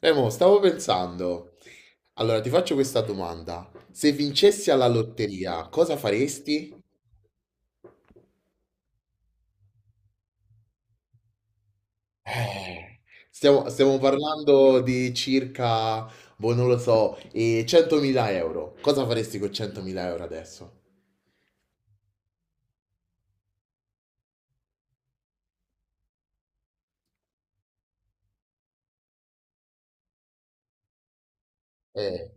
Mo, stavo pensando. Allora, ti faccio questa domanda. Se vincessi alla lotteria, cosa faresti? Eh, stiamo parlando di circa, boh, non lo so, 100.000 euro. Cosa faresti con 100.000 euro adesso? Eh,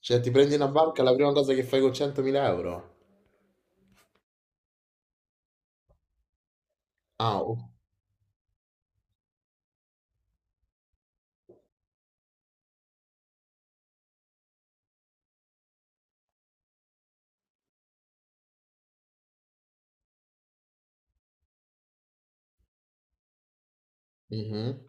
cioè, ti prendi una banca, la prima cosa che fai con 100.000 euro? Ah, oh, mhm.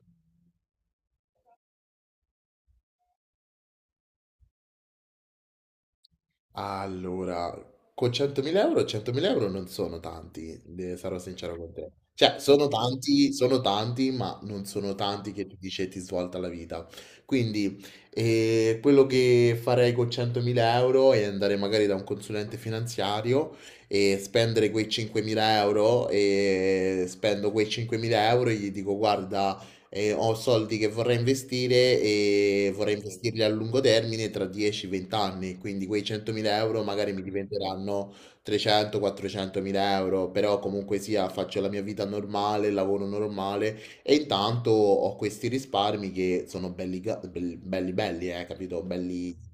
Allora, con 100.000 euro, 100.000 euro non sono tanti, sarò sincero con te. Cioè, sono tanti, ma non sono tanti che ti dice ti svolta la vita. Quindi, quello che farei con 100.000 euro è andare magari da un consulente finanziario e spendere quei 5.000 euro e spendo quei 5.000 euro e gli dico, guarda, e ho soldi che vorrei investire e vorrei investirli a lungo termine tra 10-20 anni, quindi quei 100.000 euro magari mi diventeranno 300-400.000 euro, però comunque sia faccio la mia vita normale, lavoro normale e intanto ho questi risparmi che sono belli belli, belli, capito? Belli.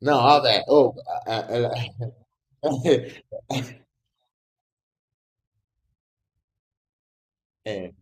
No, vabbè, oh, eh, eh, eh. Eh,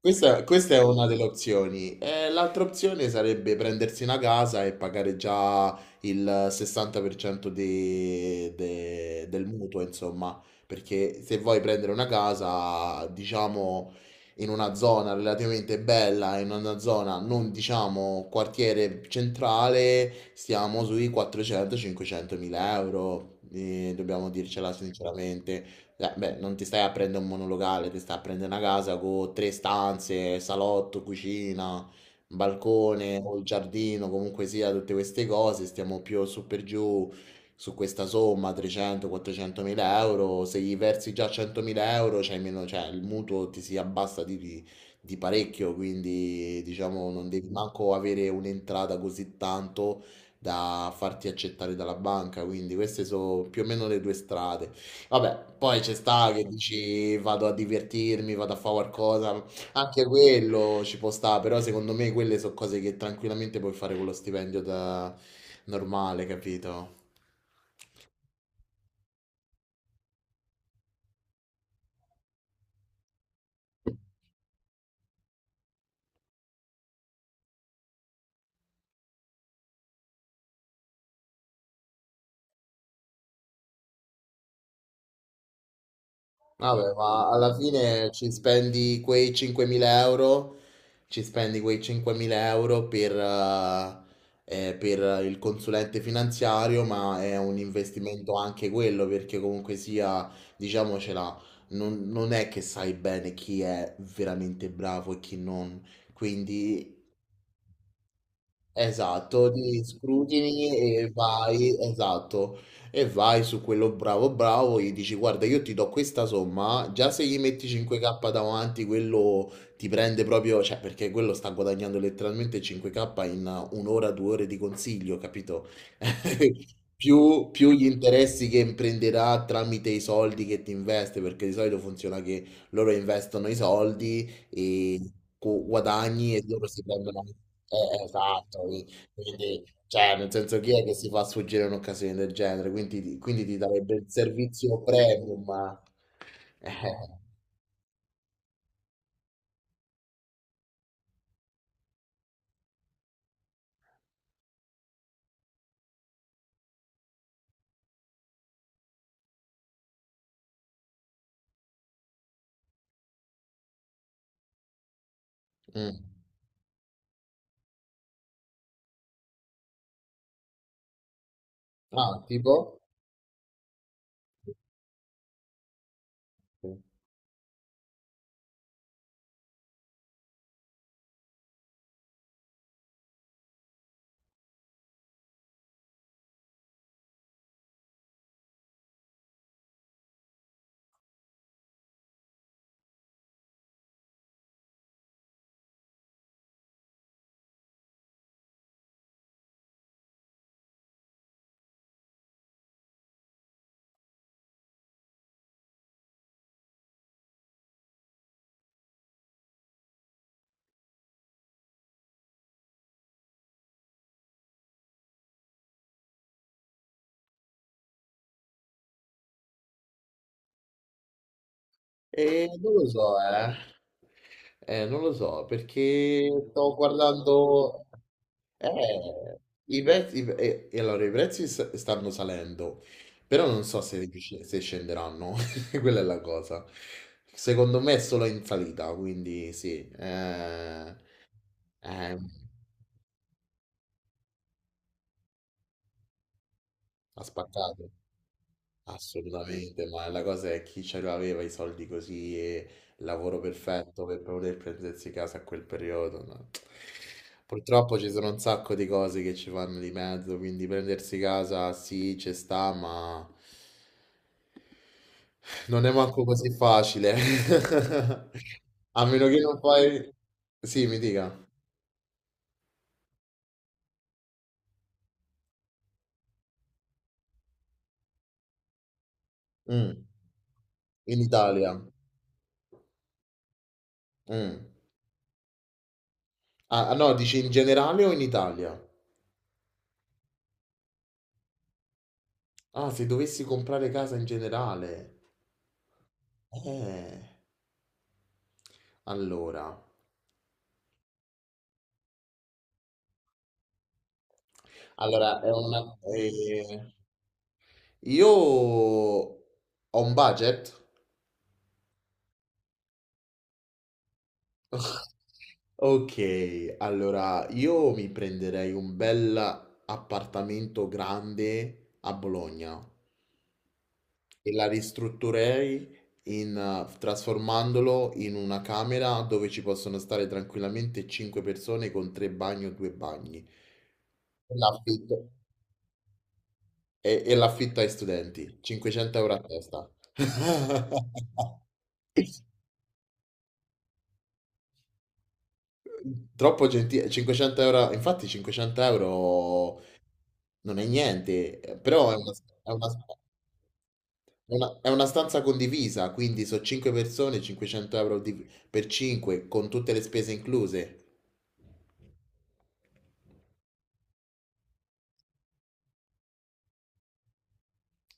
questa è una delle opzioni. L'altra opzione sarebbe prendersi una casa e pagare già il 60% del mutuo, insomma, perché se vuoi prendere una casa, diciamo, in una zona relativamente bella, in una zona non, diciamo, quartiere centrale, stiamo sui 400-500 mila euro, dobbiamo dircela sinceramente. Beh, non ti stai a prendere un monolocale, ti stai a prendere una casa con tre stanze, salotto, cucina, balcone o il giardino, comunque sia, tutte queste cose. Stiamo più su per giù su questa somma 300-400 mila euro. Se gli versi già 100 mila euro, c'hai meno, cioè il mutuo ti si abbassa di parecchio. Quindi, diciamo, non devi manco avere un'entrata così tanto da farti accettare dalla banca. Quindi, queste sono più o meno le due strade. Vabbè, poi ci sta che dici vado a divertirmi, vado a fare qualcosa, anche quello ci può stare, però secondo me quelle sono cose che tranquillamente puoi fare con lo stipendio da normale, capito? Vabbè, ma alla fine ci spendi quei 5.000 euro, ci spendi quei 5.000 euro per il consulente finanziario, ma è un investimento anche quello, perché comunque sia, diciamocela, non è che sai bene chi è veramente bravo e chi non. Quindi. Esatto, di scrutini e vai, esatto, e vai su quello bravo bravo, gli dici guarda io ti do questa somma, già se gli metti 5k davanti quello ti prende proprio, cioè perché quello sta guadagnando letteralmente 5k in un'ora, due ore di consiglio, capito? Più gli interessi che imprenderà tramite i soldi che ti investe, perché di solito funziona che loro investono i soldi e tu guadagni e loro si prendono... esatto, quindi cioè, nel senso chi è che si fa sfuggire un'occasione del genere? Quindi, quindi ti darebbe il servizio premium. Eh, mm. Ah, tipo? E non lo so, eh. Non lo so, perché stavo guardando... Eh, i prezzi... e allora, i prezzi stanno salendo, però non so se scenderanno. Quella è la cosa. Secondo me è solo in salita, quindi sì. Eh, Ha spaccato. Assolutamente, ma la cosa è chi ce l'aveva i soldi così e il lavoro perfetto per poter prendersi casa a quel periodo, no. Purtroppo ci sono un sacco di cose che ci fanno di mezzo, quindi prendersi casa sì, ci sta, ma non è manco così facile. A meno che non fai... Sì, mi dica. Mm. In Italia. Mm. Ah, ah, no, dici in generale o in Italia? Ah, se dovessi comprare casa in generale. Eh. Allora, allora io ho un budget. Ok, allora io mi prenderei un bel appartamento grande a Bologna e la ristrutturerei in, trasformandolo in una camera dove ci possono stare tranquillamente 5 persone con tre bagni o due bagni. L'affitto. E l'affitto ai studenti, 500 € a testa. Troppo gentile, 500 euro, infatti 500 euro non è niente, però è una- è una stanza condivisa, quindi sono 5 persone, 500 euro per 5, con tutte le spese incluse.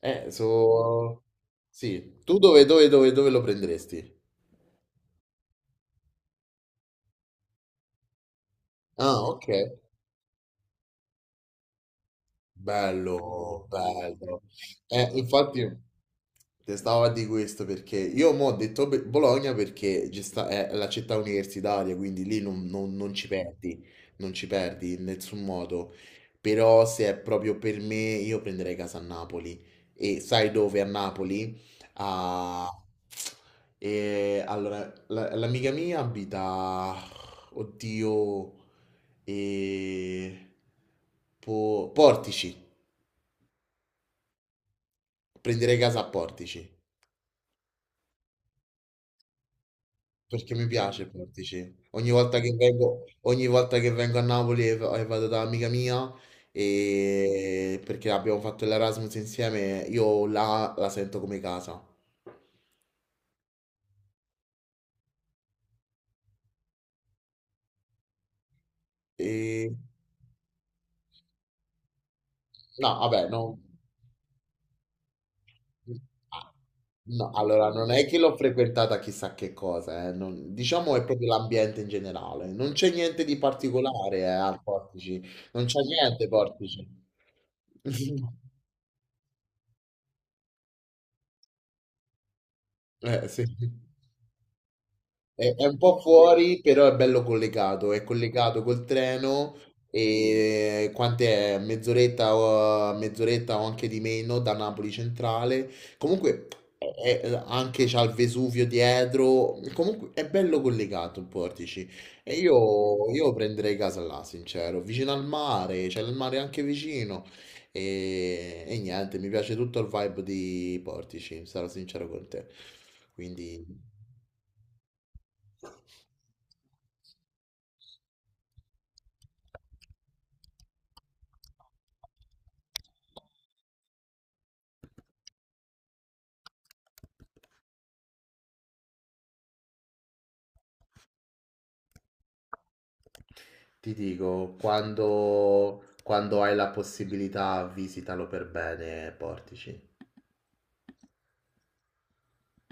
Eh, so... Sì, tu dove lo prenderesti? Ah, ok. Bello, bello. Infatti... Te stavo a di questo perché io mo ho detto Bologna perché è la città universitaria, quindi lì non ci perdi, non ci perdi in nessun modo. Però se è proprio per me, io prenderei casa a Napoli. E sai dove a Napoli? A... E, allora, l'amica mia abita... Oddio... E... Portici. Prenderei casa a Portici. Perché mi piace Portici. Ogni volta che vengo a Napoli e e vado da amica mia, e perché abbiamo fatto l'Erasmus insieme, io là la sento come casa. E... No, vabbè, no. Ah, no, allora non è che l'ho frequentata chissà che cosa, diciamo è proprio l'ambiente in generale. Non c'è niente di particolare, al Portici. Non c'è niente Portici. Sì. È un po' fuori, però è bello collegato, è collegato col treno e quant'è? Mezz'oretta o anche di meno da Napoli Centrale. Comunque anche c'ha il Vesuvio dietro, comunque è bello collegato il Portici. E io prenderei casa là, sincero, vicino al mare, c'è il mare anche vicino. E niente, mi piace tutto il vibe di Portici, sarò sincero con te. Quindi... Ti dico, quando hai la possibilità, visitalo per bene e Portici.